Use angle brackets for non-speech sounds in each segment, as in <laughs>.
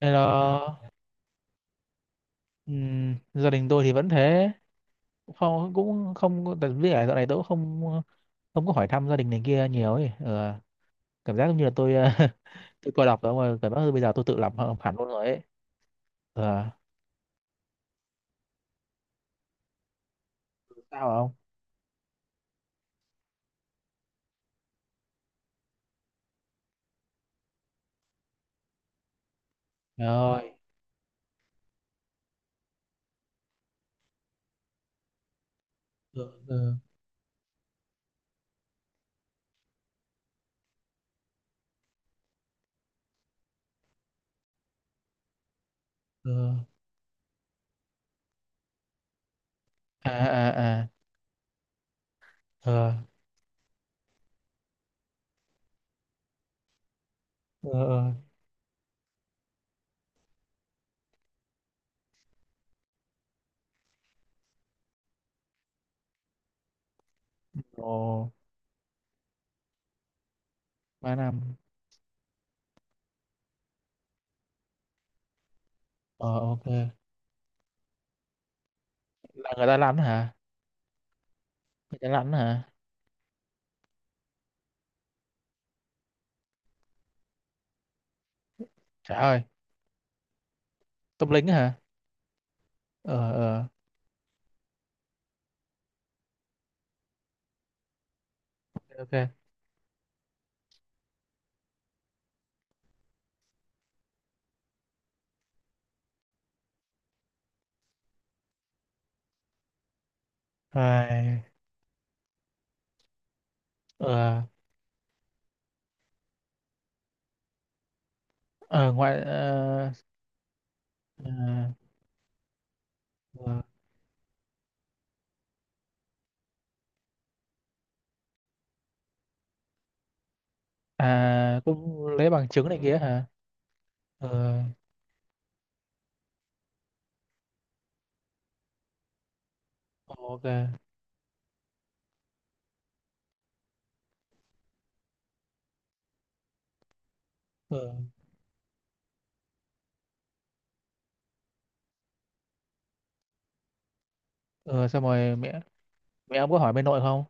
Nên là gia đình tôi thì vẫn thế không cũng không tại vì là dạo này tôi cũng không không có hỏi thăm gia đình này kia nhiều ấy. Ờ, cảm giác giống như là tôi <laughs> tôi coi đọc đó mà cảm giác bây giờ tôi tự làm hẳn luôn rồi ấy. Ờ, sao không rồi. Ừ, ừ, ừ. À, à, à. Ờ, ờ. Ờ. Ồ. Ba năm. Ờ. Ok. Là người ta lắn hả? Người ta lắn hả? Trời ơi. Tâm lính hả? Ờ, ờ. Ok, ok. Ai, ờ. Ờ, ngoại. Ờ, ờ, ờ. À, cũng lấy bằng chứng này kia hả? Ờ. Ok. Ờ, ờ xong rồi mẹ, mẹ ông có hỏi bên nội không?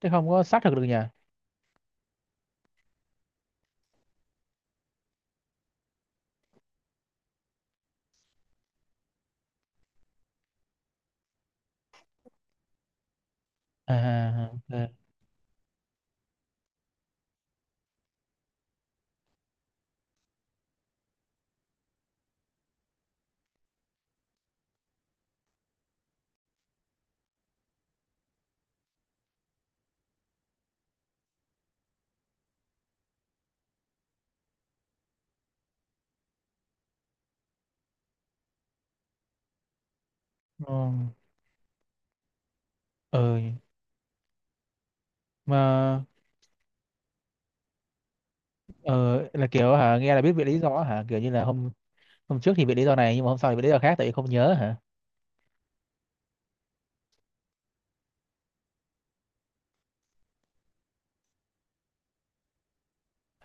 Thế không có xác thực được nhỉ? À, ok. Ừ. Ờ, ờ, mà ờ là kiểu hả, nghe là biết về lý do hả, kiểu như là hôm hôm trước thì về lý do này nhưng mà hôm sau thì về lý do khác tại vì không nhớ hả?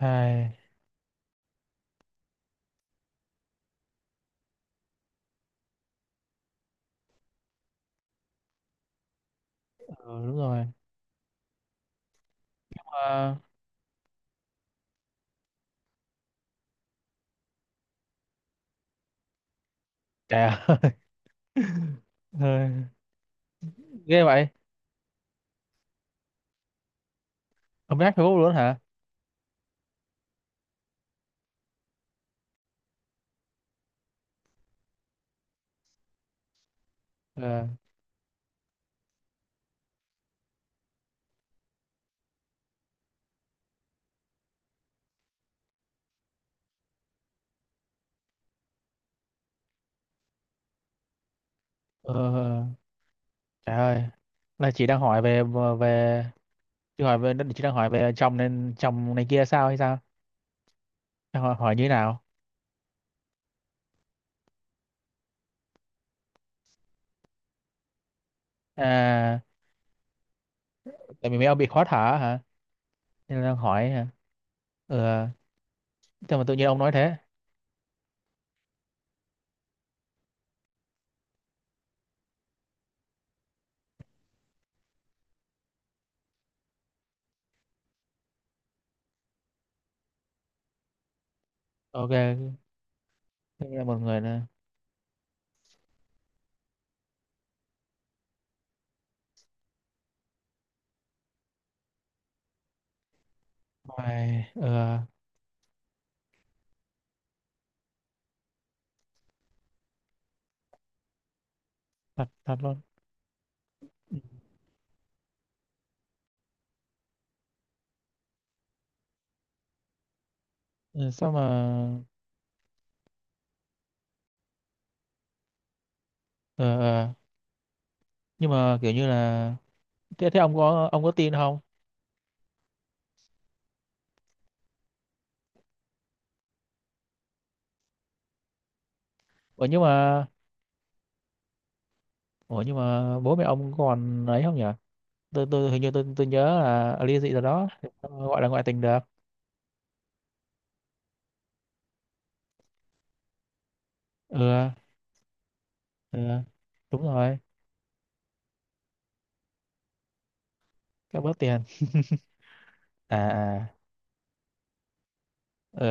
Ai, ờ, đúng rồi. À, trời ơi. <laughs> Ờ, ghê vậy. Hôm nát Facebook luôn hả? Ờ, ờ, ờ. Trời ơi, là chị đang hỏi về về chị hỏi về, chồng nên chồng này kia sao hay sao? Đang hỏi, hỏi như thế nào? À, tại vì mấy ông bị khó thở hả? Nên đang hỏi hả? Ừ, thế mà tự nhiên ông nói thế. Ok, thế là một người là? Ôi, ừ, thật thật luôn. Ừ, sao mà ờ, ờ, nhưng mà kiểu như là thế, thế ông có, ông có tin không? Ủa nhưng mà, bố mẹ ông còn ấy không nhỉ? Tôi hình như tôi nhớ là ly dị rồi đó, gọi là ngoại tình được. Ừ. Ừ, đúng rồi. Các bớt tiền. À, à. Ừ.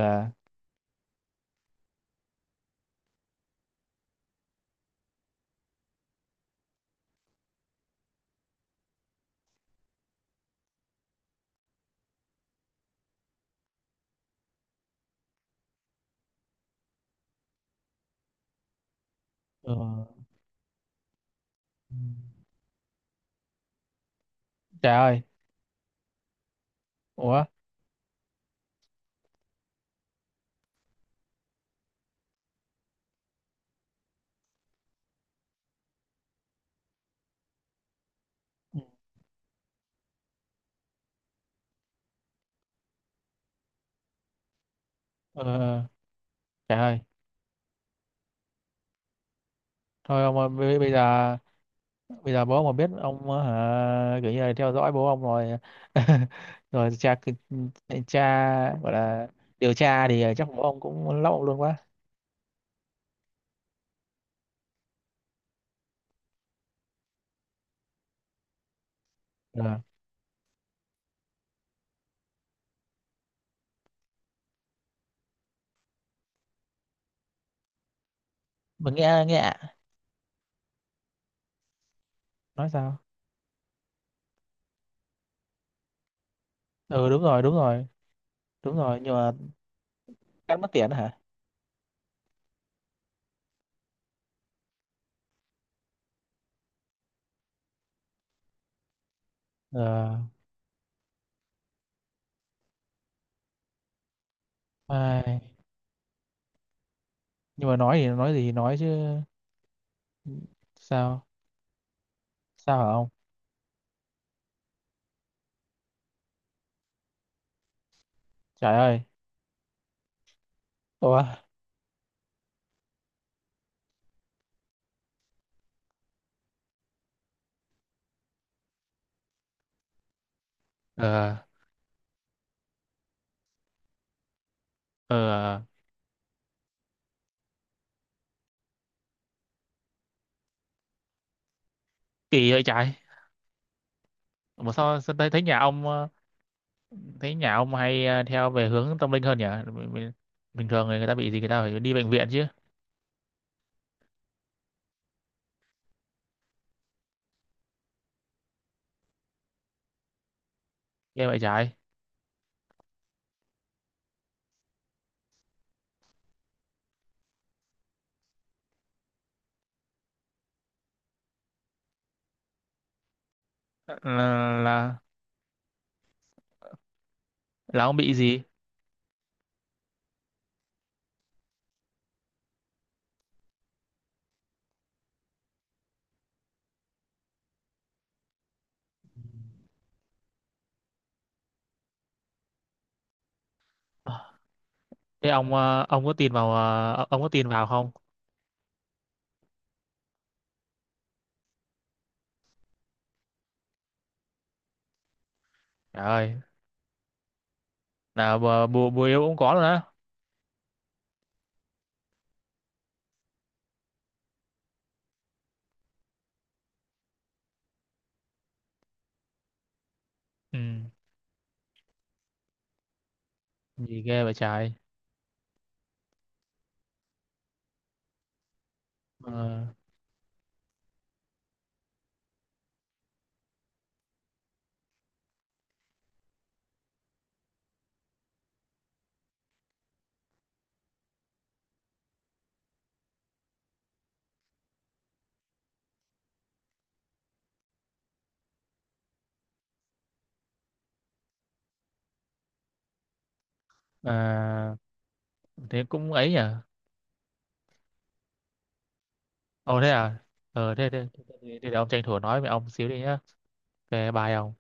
Ừ, ừ. Trời ơi. Ủa. Ừ. Ừ. Trời ơi, thôi ông ơi, bây giờ, bây giờ bố ông mà biết ông hả, kiểu như là theo dõi bố ông rồi. <laughs> Rồi cha, cha gọi là điều tra thì chắc bố ông cũng lóc ông luôn quá. Ừ. Mình nghe, nghe ạ. Nói sao. Ừ, đúng rồi, đúng rồi. Đúng rồi nhưng mà cắt mất tiền đó hả? Ờ. Ai. Nhưng mà nói thì nói gì thì nói chứ. Sao. Sao hả ông? Trời ơi. Ủa. Ờ, ờ. Kỳ vậy trời. Mà sao, sao thấy, thấy nhà ông thấy nhà ông hay theo về hướng tâm linh hơn nhỉ? Bình, thường người ta bị gì người ta phải đi bệnh viện chứ. Nghe vậy trái. là, là là ông bị gì? Ờ, thế ông ông có tin vào ông có tin vào không? Trời ơi. Là bùa, bùa bùa yêu cũng có rồi đó. Ừ. Gì ghê vậy trái. Ờ, à, thế cũng ấy nhỉ. Ồ thế à? Ờ thế, thế, thế, thế, thế để ông tranh thủ nói với ông xíu đi nhá. Cái bài ông.